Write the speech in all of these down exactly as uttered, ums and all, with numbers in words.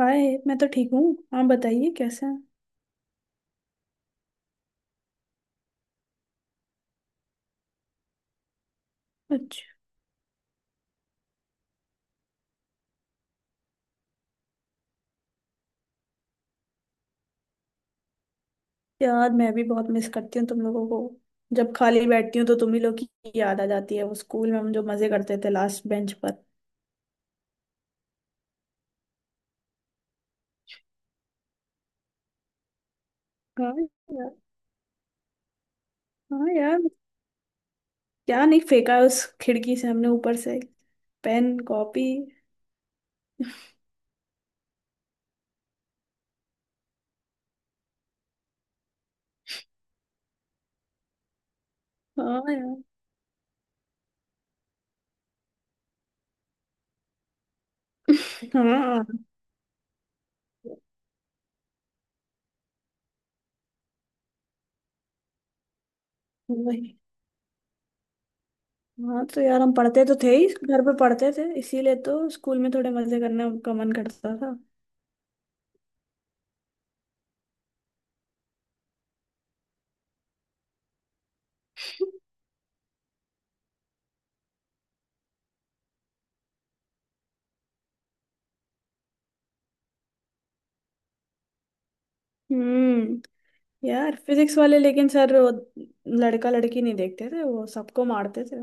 हाय। मैं तो ठीक हूँ, आप बताइए कैसे हैं। अच्छा। यार मैं भी बहुत मिस करती हूँ तुम लोगों को। जब खाली बैठती हूँ तो तुम ही लोग की याद आ जाती है, वो स्कूल में हम जो मजे करते थे लास्ट बेंच पर। हाँ यार। हाँ यार, क्या नहीं फेंका है उस खिड़की से हमने ऊपर से, पेन कॉपी। हाँ, यार। हाँ, वही। हाँ, तो यार हम पढ़ते तो थे ही, घर पे पढ़ते थे इसीलिए तो स्कूल में थोड़े मजे करने का मन करता था। हम्म। यार फिजिक्स वाले लेकिन सर, वो लड़का लड़की नहीं देखते थे, वो सबको मारते थे।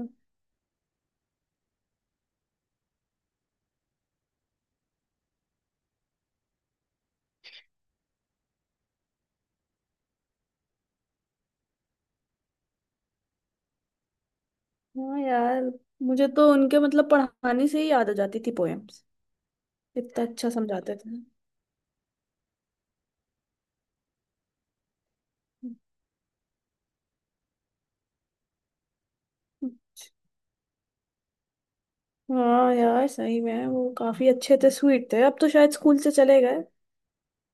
हाँ यार, मुझे तो उनके मतलब पढ़ाने से ही याद आ जाती थी पोएम्स। इतना अच्छा समझाते थे। हाँ यार, सही में वो काफी अच्छे थे, स्वीट थे। अब तो शायद स्कूल से चले गए,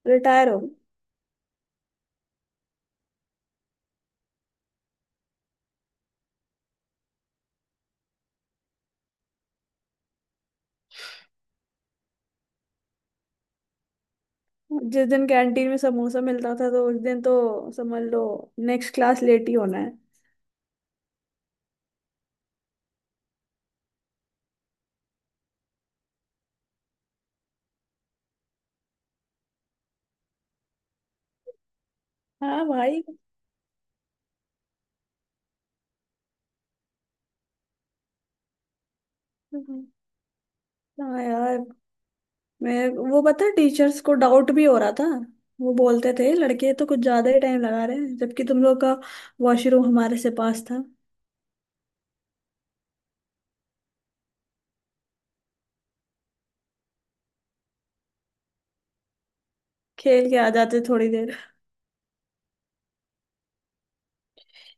रिटायर हो गए। जिस दिन कैंटीन में समोसा मिलता था तो उस दिन तो समझ लो नेक्स्ट क्लास लेट ही होना है। हाँ, भाई। हाँ यार, मैं वो पता है टीचर्स को डाउट भी हो रहा था। वो बोलते थे लड़के तो कुछ ज्यादा ही टाइम लगा रहे हैं, जबकि तुम लोग का वॉशरूम हमारे से पास था। खेल के आ जाते थोड़ी देर।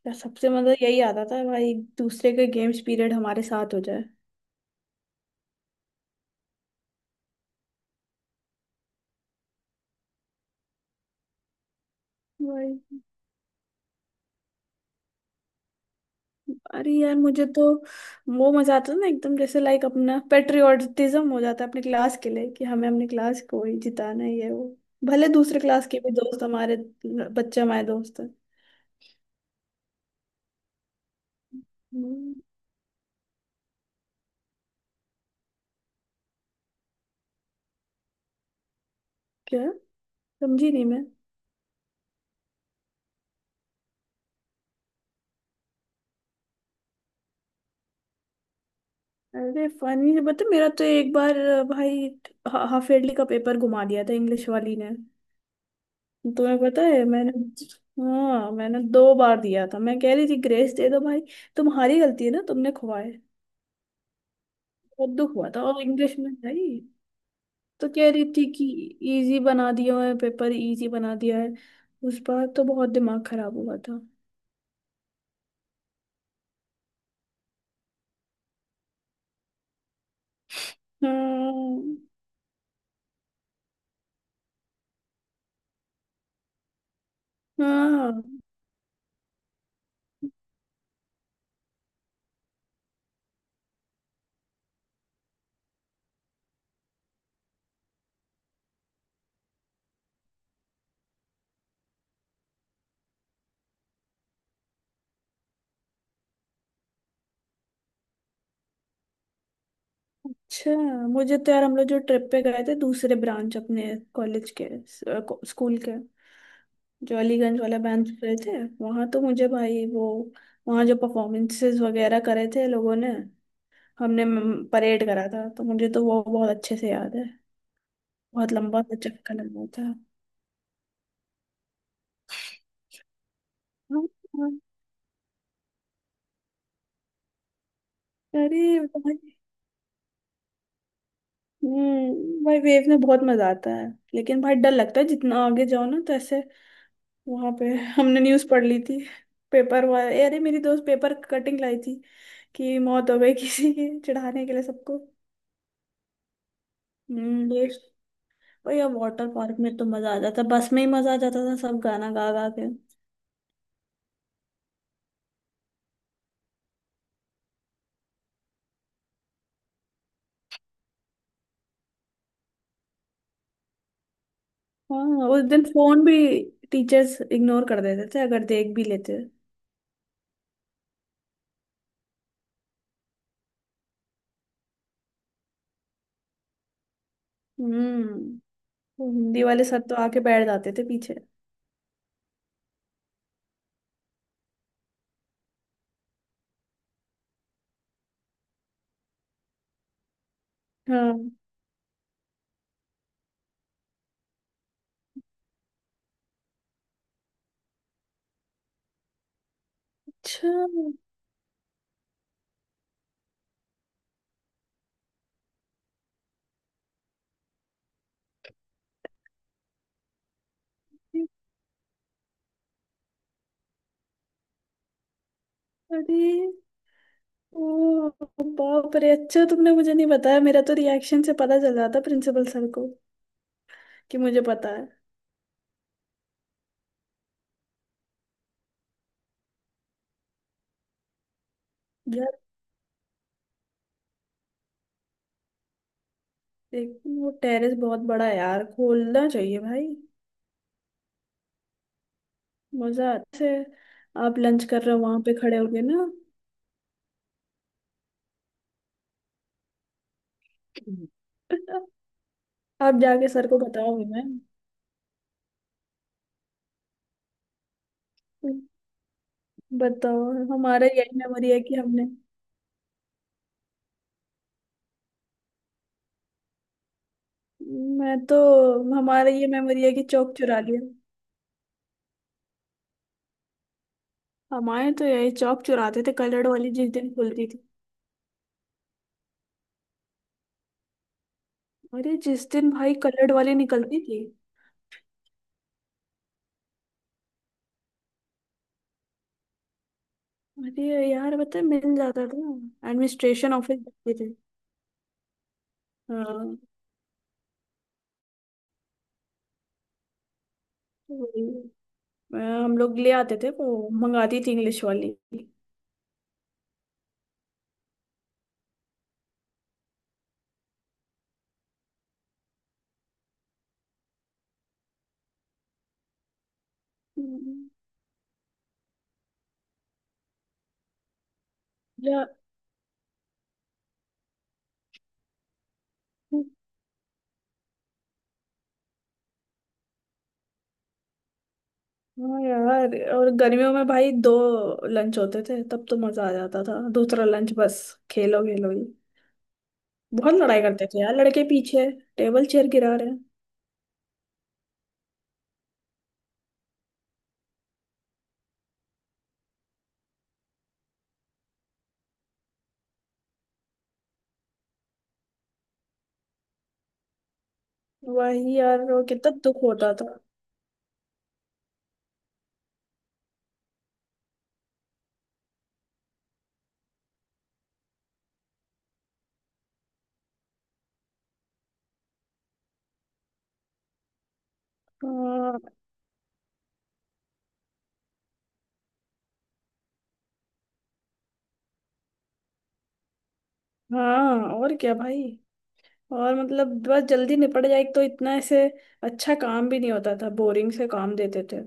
या सबसे मतलब यही आता था भाई, दूसरे का गेम्स पीरियड हमारे साथ हो जाए। भाई, अरे यार मुझे तो वो मजा आता था ना एकदम, जैसे लाइक अपना पेट्रियोटिज्म हो जाता है अपने क्लास के लिए कि हमें अपने क्लास को ही जिताना है, ये वो भले दूसरे क्लास के भी दोस्त हमारे, बच्चे हमारे दोस्त हैं। हम्म, क्या? समझी नहीं मैं। अरे फनी? बता। मेरा तो एक बार अ, भाई हा- हाफ ईयरली का पेपर घुमा दिया था इंग्लिश वाली ने। तुम्हें पता है मैंने? हाँ मैंने दो बार दिया था, मैं कह रही थी ग्रेस दे दो भाई, तुम्हारी गलती है ना, तुमने खुआए। बहुत दुख हुआ था और इंग्लिश में भाई, तो कह रही थी कि इजी बना दिया है पेपर, इजी बना दिया है। उस बार तो बहुत दिमाग खराब हुआ था। हाँ। हाँ। अच्छा। मुझे तो यार हम लोग जो ट्रिप पे गए थे दूसरे ब्रांच अपने कॉलेज के, स्कूल के, जो अलीगंज वाला ब्रांच गए थे, वहां तो मुझे भाई वो, वहां जो परफॉर्मेंसेस वगैरह करे थे लोगों ने, हमने परेड करा था, तो मुझे तो वो बहुत अच्छे से याद है। बहुत लंबा सा चक्कर लगा था। हाँ। हाँ। अरे भाई, हम्म भाई वेव में बहुत मजा आता है, लेकिन भाई डर लगता है जितना आगे जाओ ना तो ऐसे। वहां पे हमने न्यूज पढ़ ली थी, पेपर हुआ, अरे मेरी दोस्त पेपर कटिंग लाई थी कि मौत हो गई किसी की, चढ़ाने के लिए सबको। हम्म, बेस्ट। भैया वाटर पार्क में तो मजा आ जाता, बस में ही मजा आ जाता था सब गाना गा गा के। हाँ उस दिन फोन भी टीचर्स इग्नोर कर देते थे अगर देख भी लेते। हम्म। वो हिंदी वाले सर तो आके बैठ जाते थे पीछे। हाँ। अच्छा। अरे, ओ, बाप रे। अच्छा तुमने मुझे नहीं बताया? मेरा तो रिएक्शन से पता चल जाता प्रिंसिपल सर को कि मुझे पता है। यार देख वो टेरेस बहुत बड़ा है यार, खोलना चाहिए भाई। मजा आता है। आप लंच कर रहे हो, वहां पे खड़े होगे ना। आप जाके सर को बताओगे? मैं बताओ? हमारा यही मेमोरी है कि हमने, मैं तो, हमारा ये मेमोरी है कि चौक चुरा लिया। हमारे तो यही चौक चुराते थे, कलर्ड वाली जिस दिन खुलती थी। अरे जिस दिन भाई कलर्ड वाली निकलती थी। अरे यार, पता है मिल जाता था, एडमिनिस्ट्रेशन ऑफिस जाते थे। हाँ। तो वही। अ, हम लोग ले आते थे, वो मंगाती थी इंग्लिश वाली। हम्म, या हाँ। यार और गर्मियों में भाई दो लंच होते थे, तब तो मजा आ जाता था दूसरा लंच, बस खेलो खेलो ही। बहुत लड़ाई करते थे यार लड़के पीछे, टेबल चेयर गिरा रहे हैं। वही यार, वो कितना दुख होता था। हाँ। हाँ और क्या भाई, और मतलब बस जल्दी निपट जाए, एक तो इतना ऐसे अच्छा काम भी नहीं होता था, बोरिंग से काम देते थे।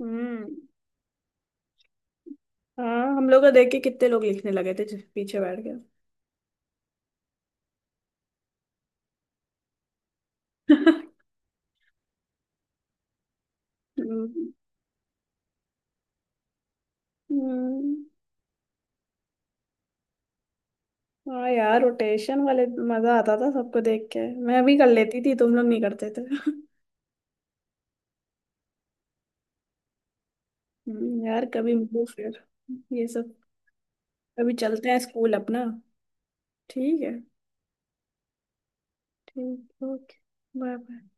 हम्म। हाँ हम लोग का देख के कितने लोग लिखने लगे थे, जिस- पीछे बैठ के। हम्म। हम्म, हाँ यार रोटेशन वाले मजा आता था सबको देख के। मैं भी कर लेती थी, तुम लोग नहीं करते थे। हम्म, यार कभी मिलो फिर ये सब। कभी चलते हैं स्कूल अपना। ठीक है। ठीक। ओके। Bye bye.